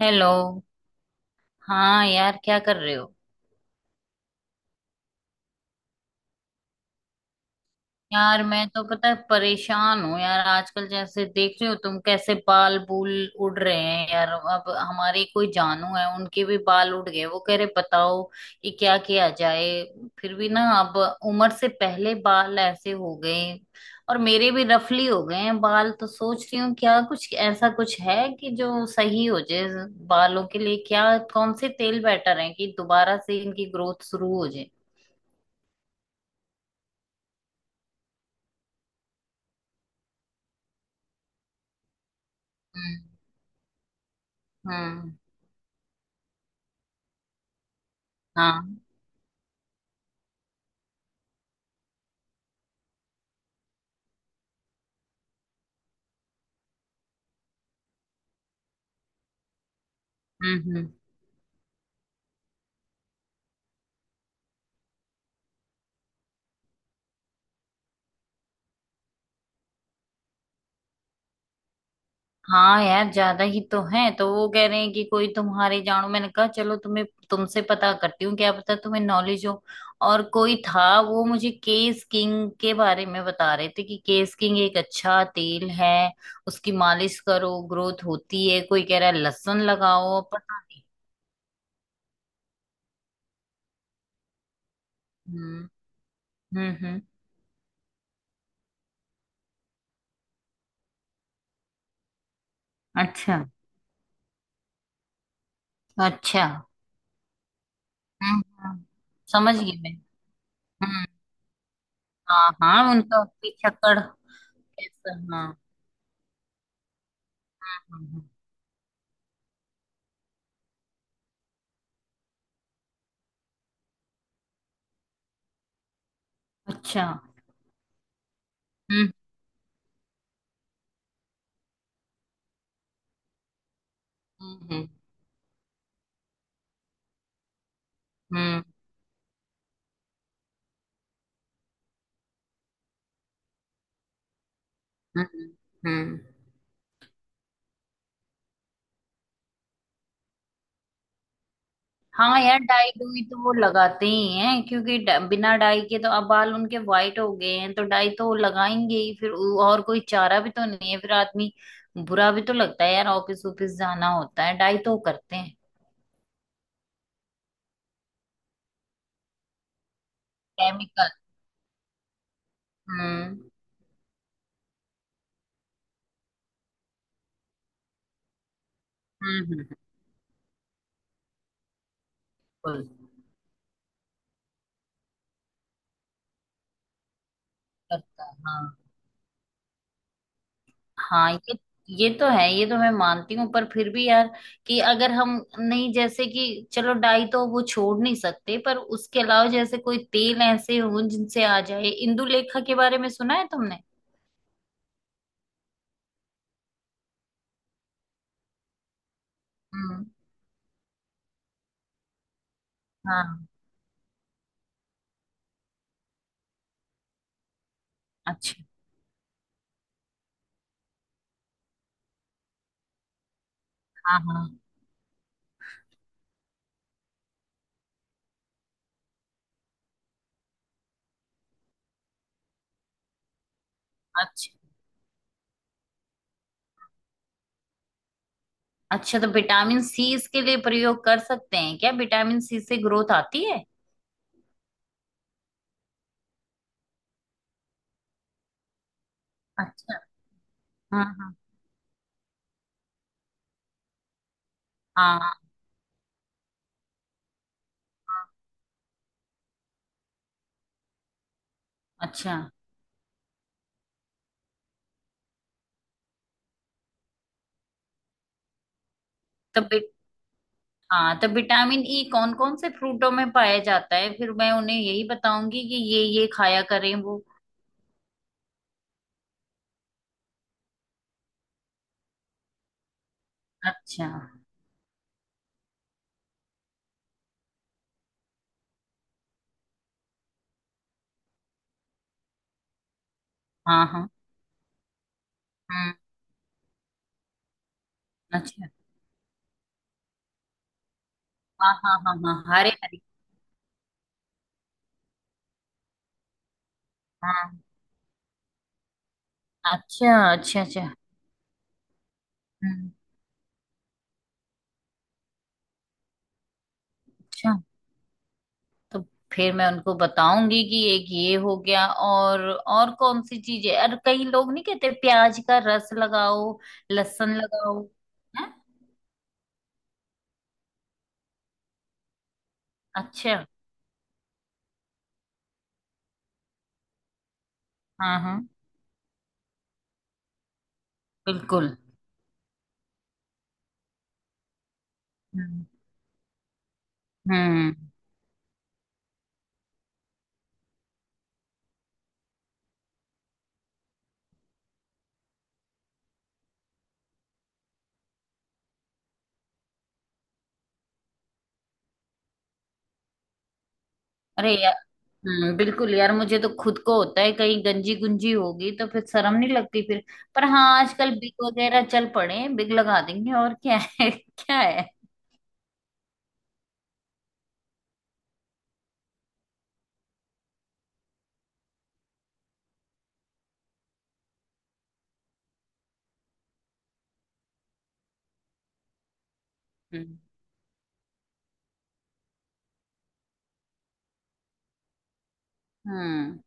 Hello. हाँ यार, क्या कर रहे हो? यार मैं तो पता है परेशान हूँ यार आजकल। जैसे देख रहे हो तुम कैसे बाल बूल उड़ रहे हैं यार। अब हमारी कोई जानू है, उनके भी बाल उड़ गए। वो कह रहे बताओ कि क्या किया जाए। फिर भी ना, अब उम्र से पहले बाल ऐसे हो गए। और मेरे भी रफली हो गए हैं बाल, तो सोच रही हूँ क्या कुछ ऐसा कुछ है कि जो सही हो जाए बालों के लिए। क्या कौन से तेल बेटर है कि दोबारा से इनकी ग्रोथ शुरू हो जाए? हम्म। हम्म। हाँ। हम्म। हम्म। हाँ यार, ज्यादा ही तो है। तो वो कह रहे हैं कि कोई तुम्हारे जानो। मैंने कहा चलो तुम्हें तुमसे पता करती हूँ, क्या पता तुम्हें नॉलेज हो। और कोई था, वो मुझे केस किंग के बारे में बता रहे थे कि केस किंग एक अच्छा तेल है। उसकी मालिश करो, ग्रोथ होती है। कोई कह रहा है लहसुन लगाओ पता। हम्म। हम्म। हम्म। अच्छा। अच्छा। हम्म। हम्म। समझ गई मैं। हम्म। हाँ हाँ, उनका पिछक्कड़ कैसा। हाँ हाँ। हाँ, हाँ। अच्छा। हम्म। हम्म। हम्म। हम्म। हम्म। हाँ यार, डाई डुई तो वो लगाते ही हैं, क्योंकि बिना डाई के तो अब बाल उनके वाइट हो गए हैं, तो डाई तो वो लगाएंगे ही। फिर और कोई चारा भी तो नहीं है। फिर आदमी बुरा भी तो लगता है यार, ऑफिस ऑफिस जाना होता है, डाई तो वो करते हैं। केमिकल। हम्म। हम्म। बिल्कुल करता है, हाँ। हाँ, ये तो है, ये तो मैं मानती हूँ। पर फिर भी यार, कि अगर हम, नहीं, जैसे कि चलो डाई तो वो छोड़ नहीं सकते, पर उसके अलावा जैसे कोई तेल ऐसे हो जिनसे आ जाए। इंदुलेखा के बारे में सुना है तुमने? हम्म। हाँ। अच्छा। हाँ हाँ। अच्छा अच्छा, तो विटामिन सी इसके लिए प्रयोग कर सकते हैं क्या? विटामिन सी से ग्रोथ आती है? अच्छा। हाँ हाँ। हाँ हाँ, अच्छा, तो हाँ, तो विटामिन ई कौन कौन से फ्रूटों में पाया जाता है? फिर मैं उन्हें यही बताऊंगी कि ये खाया करें वो। अच्छा। हाँ हाँ। हम्म। अच्छा। हाँ हाँ हाँ हाँ, हरे हरे। हाँ। अच्छा अच्छा अच्छा। हम्म। अच्छा। तो। फिर मैं उनको बताऊंगी कि एक ये हो गया, और कौन सी चीज है, और कई लोग नहीं कहते प्याज का रस लगाओ, लहसुन लगाओ, है। अच्छा। हाँ हाँ। बिल्कुल। हम्म। हम्म। अरे यार। हम्म। बिल्कुल यार, मुझे तो खुद को होता है, कहीं गंजी गुंजी होगी तो फिर शर्म नहीं लगती फिर। पर हाँ, आजकल बिग वगैरह चल पड़े हैं, बिग लगा देंगे और क्या है क्या है? हम्म। हम्म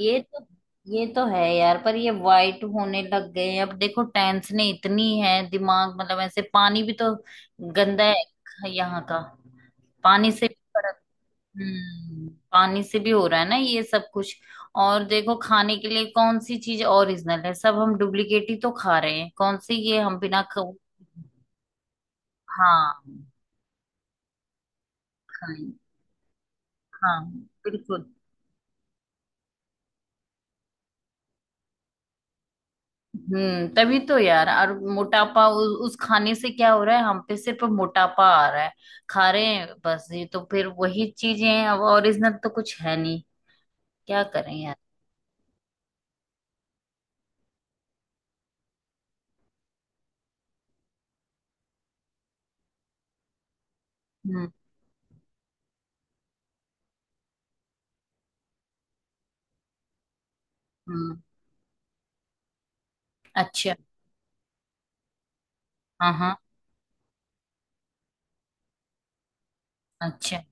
ये तो ये तो है यार। पर ये वाइट होने लग गए हैं। अब देखो, टेंशन इतनी है, दिमाग मतलब ऐसे। पानी भी तो गंदा है यहाँ का। पानी से। पानी से भी हो रहा है ना ये सब कुछ। और देखो, खाने के लिए कौन सी चीज ओरिजिनल है? सब हम डुप्लीकेट ही तो खा रहे हैं। कौन सी ये हम बिना खा? हाँ। खाएं। हाँ। बिल्कुल। तभी तो यार। और मोटापा उस खाने से क्या हो रहा है? हम पे सिर्फ मोटापा आ रहा है। खा रहे हैं बस, ये तो फिर वही चीजें हैं, अब ओरिजिनल तो कुछ है नहीं। क्या करें यार? हम्म। हम्म। अच्छा। हाँ हाँ। अच्छा।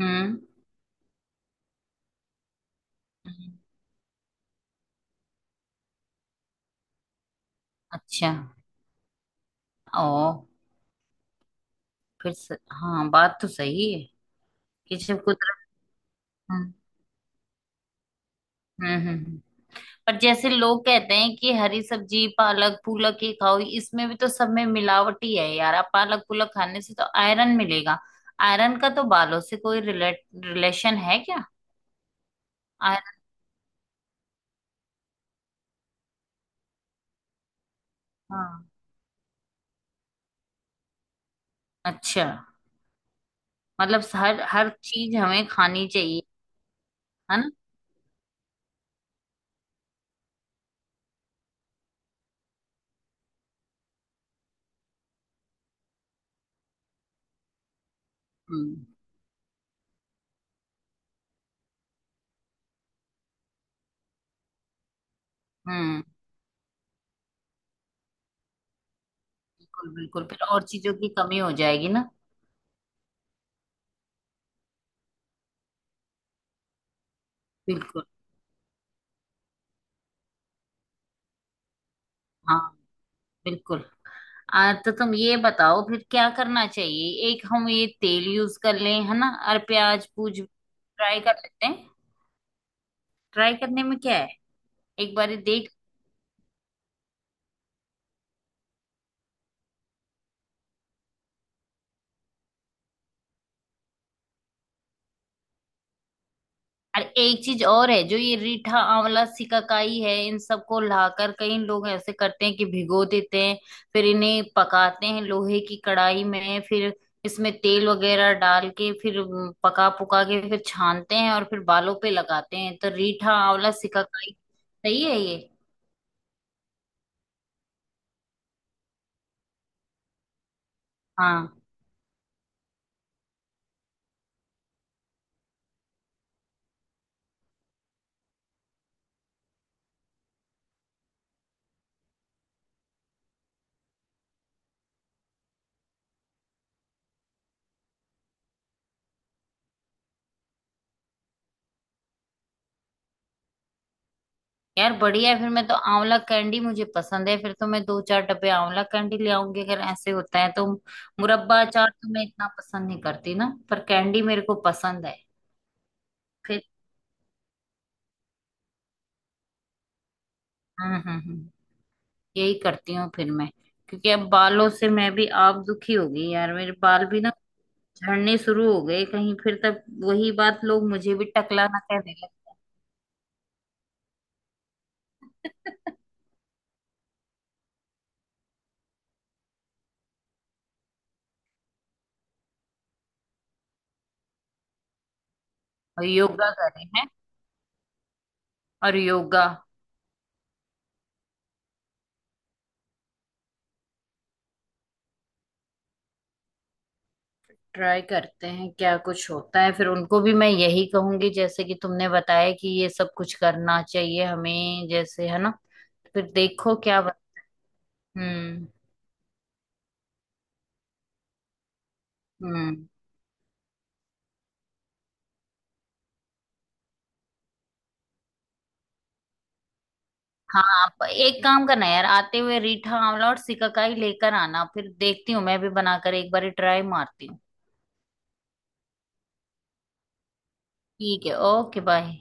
हम्म। हम्म, अच्छा। ओ, फिर हाँ, बात तो सही है। कि जब कुदरत। हम्म। हम्म। हम्म। पर जैसे लोग कहते हैं कि हरी सब्जी पालक पुलक ही खाओ। इसमें भी तो सब में मिलावट ही है यार। आप पालक पुलक खाने से तो आयरन मिलेगा। आयरन का तो बालों से कोई रिलेट रिलेशन है क्या? आयरन। हाँ। अच्छा, मतलब हर हर चीज हमें खानी चाहिए, है ना? हम्म। हम्म। बिल्कुल बिल्कुल, फिर और चीजों की कमी हो जाएगी ना। बिल्कुल। हाँ बिल्कुल। तो तुम ये बताओ फिर क्या करना चाहिए? एक हम ये तेल यूज कर लें, है ना, और प्याज पूज ट्राई कर लेते हैं। ट्राई करने में क्या है, एक बार ये देख। और एक चीज और है, जो ये रीठा आंवला सिकाकाई है। इन सबको लाकर कई लोग ऐसे करते हैं कि भिगो देते हैं, फिर इन्हें पकाते हैं लोहे की कढ़ाई में, फिर इसमें तेल वगैरह डाल के, फिर पका पुका के, फिर छानते हैं, और फिर बालों पे लगाते हैं। तो रीठा आंवला सिकाकाई, सही है ये? हाँ यार बढ़िया है। फिर मैं तो, आंवला कैंडी मुझे पसंद है, फिर तो मैं दो चार डब्बे आंवला कैंडी ले आऊंगी, अगर ऐसे होता है तो। मुरब्बा अचार तो मैं इतना पसंद नहीं करती ना, पर कैंडी मेरे को पसंद है। फिर। हम्म। हम्म। हम्म। यही करती हूँ फिर मैं। क्योंकि अब बालों से मैं भी आप दुखी हो गई यार। मेरे बाल भी ना झड़ने शुरू हो गए कहीं फिर, तब वही बात, लोग मुझे भी टकला ना कहने लगे और योगा करें हैं, और योगा? ट्राई करते हैं क्या कुछ होता है, फिर उनको भी मैं यही कहूंगी जैसे कि तुमने बताया, कि ये सब कुछ करना चाहिए हमें, जैसे है ना। फिर देखो क्या। हम्म। हम्म। हाँ, आप एक काम करना यार, आते हुए रीठा आंवला और सिकाकाई लेकर आना। फिर देखती हूँ मैं भी बनाकर, एक बार ट्राई मारती हूँ। ठीक है, ओके बाय।